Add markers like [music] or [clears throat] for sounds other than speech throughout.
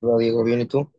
Hola Diego, bien, ¿y tú?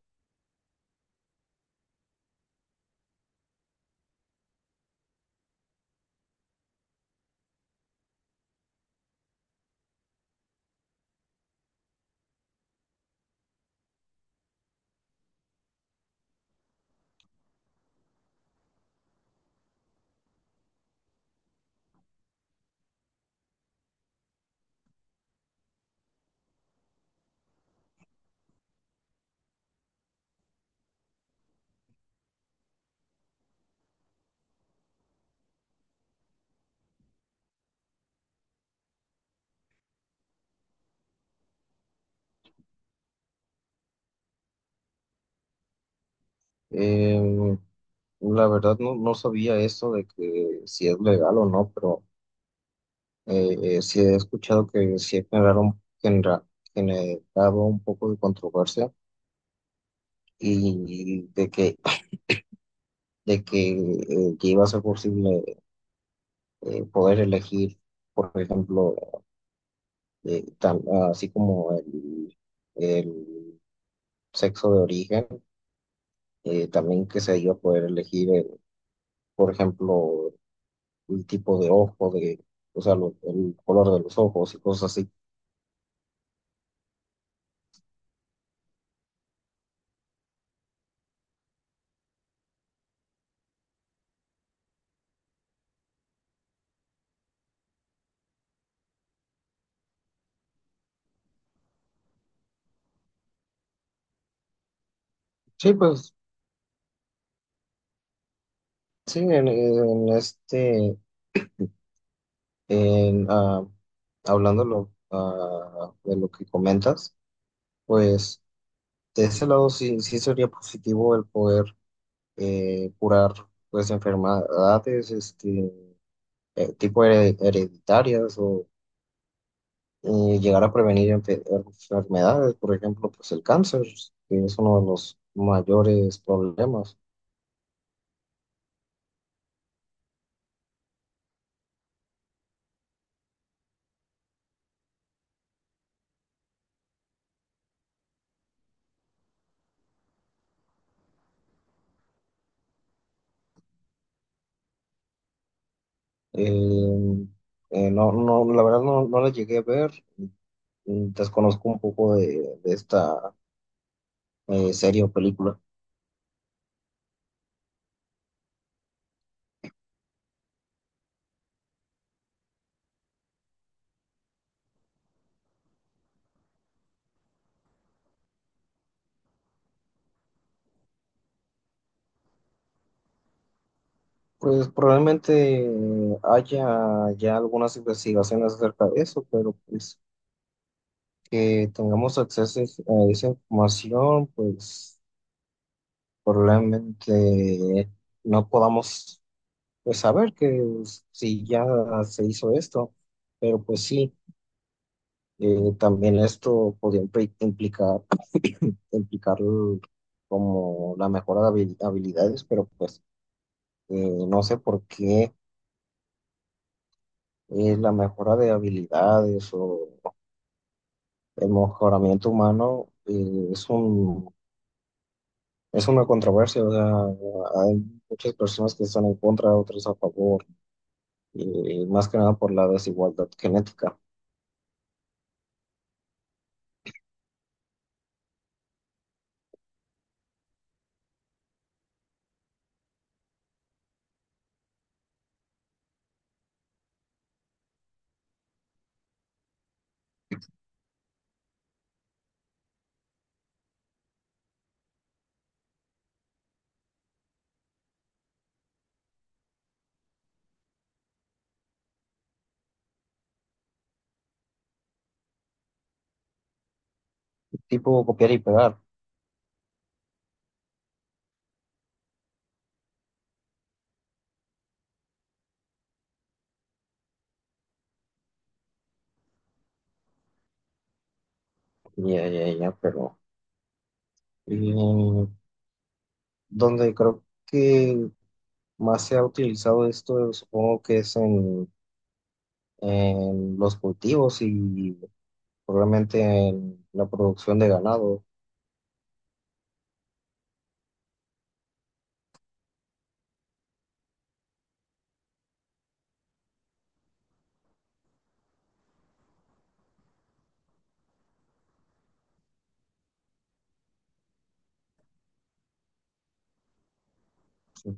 Eh, la verdad no sabía eso de que si es legal o no, pero sí he escuchado que sí generado un poco de controversia y que iba a ser posible poder elegir, por ejemplo, eh, tan- así como el sexo de origen, también que se iba a poder elegir, por ejemplo, el tipo de ojo, o sea, el color de los ojos y cosas así. Sí, pues sí, en este, en, ah, hablando de lo que comentas, pues de ese lado sí, sí sería positivo el poder curar pues enfermedades tipo hereditarias o llegar a prevenir enfermedades, por ejemplo, pues el cáncer, que es uno de los mayores problemas. Eh, no no, la verdad no, no la llegué a ver. Mm, desconozco un poco de esta serie o película. Pues probablemente haya ya algunas investigaciones acerca de eso, pero pues que tengamos acceso a esa información, pues probablemente no podamos pues, saber que pues, si ya se hizo esto, pero pues sí. También esto podría implicar, [clears throat] implicar como la mejora de habilidades, pero pues no sé por qué la mejora de habilidades o el mejoramiento humano es un, es una controversia. O sea, hay muchas personas que están en contra, otras a favor, y más que nada por la desigualdad genética, tipo copiar y pegar, ya, pero eh, donde creo que más se ha utilizado esto, supongo que es en los cultivos y probablemente en la producción de ganado. Sí.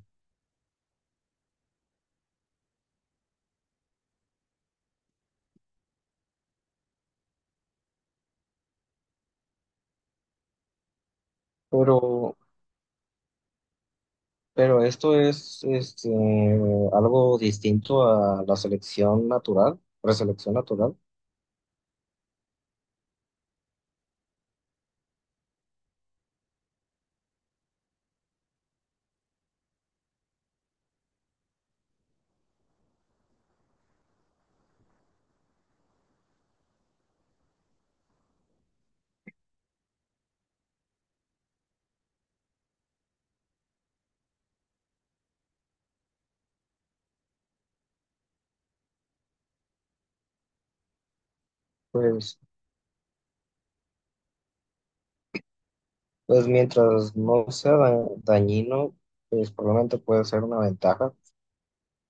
Pero, pero esto es algo distinto a la selección natural, preselección natural. Pues, pues mientras no sea dañino, pues probablemente puede ser una ventaja.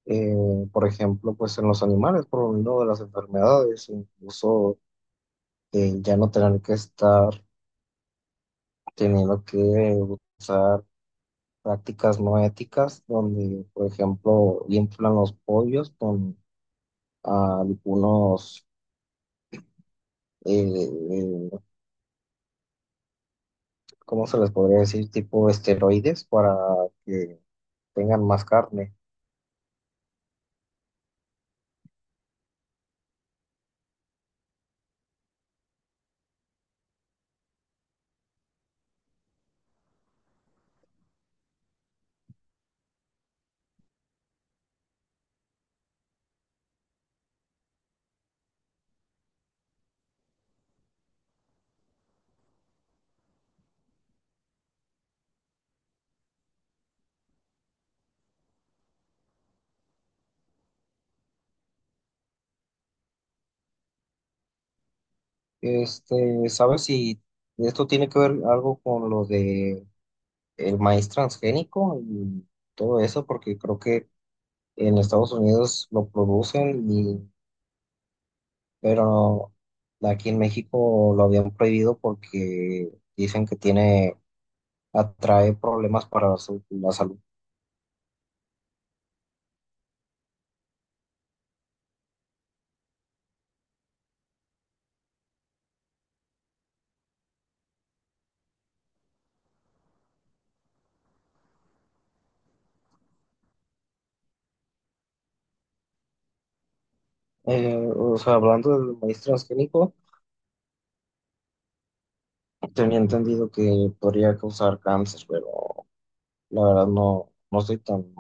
Eh, por ejemplo, pues en los animales, por lo menos de las enfermedades, incluso ya no tener que estar teniendo que usar prácticas no éticas, donde, por ejemplo, inflan los pollos con algunos, eh, eh, ¿cómo se les podría decir? Tipo esteroides para que tengan más carne. Este, ¿sabes si esto tiene que ver algo con lo de el maíz transgénico y todo eso? Porque creo que en Estados Unidos lo producen pero no, aquí en México lo habían prohibido porque dicen que tiene, atrae problemas para la, la salud. O sea, hablando del maíz transgénico, tenía entendido que podría causar cáncer, pero la verdad no, no estoy tan,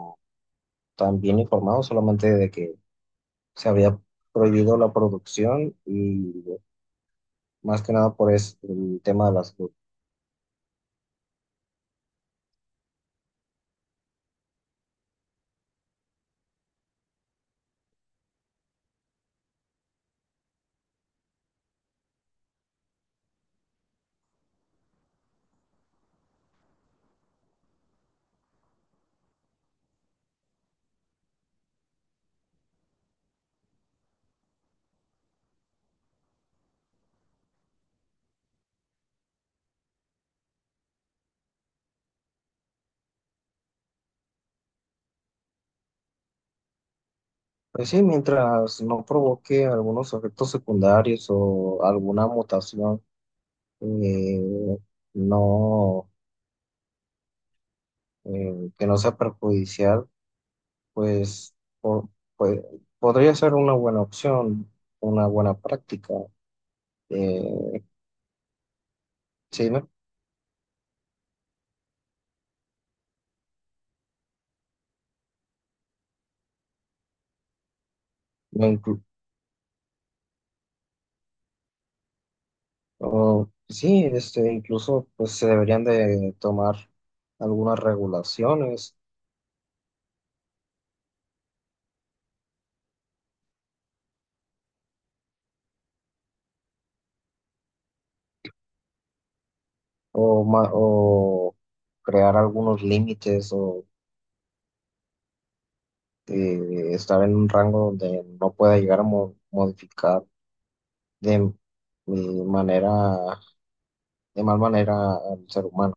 tan bien informado, solamente de que se había prohibido la producción y más que nada por el tema de la salud. Pues sí, mientras no provoque algunos efectos secundarios o alguna mutación eh, no, que no sea perjudicial, pues, po- pues, podría ser una buena opción, una buena práctica. eh, sí, ¿no? No inclu- sí, este, incluso pues se deberían de tomar algunas regulaciones o, o crear algunos límites o estar en un rango donde no pueda llegar a modificar de manera de mal manera al ser humano.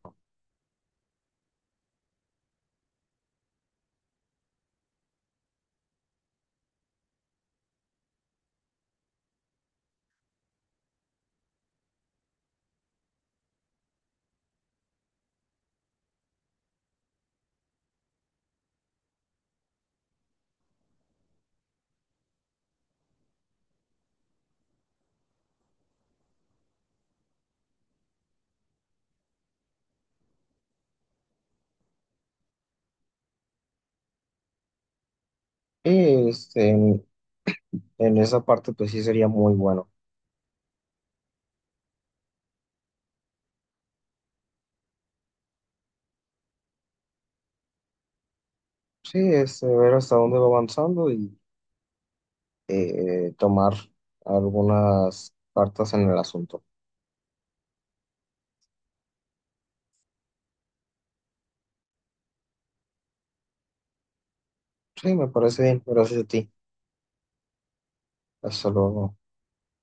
Y este, en esa parte, pues sí sería muy bueno. Sí, este, ver hasta dónde va avanzando y tomar algunas cartas en el asunto. Sí, me parece bien. Gracias a ti. Hasta luego.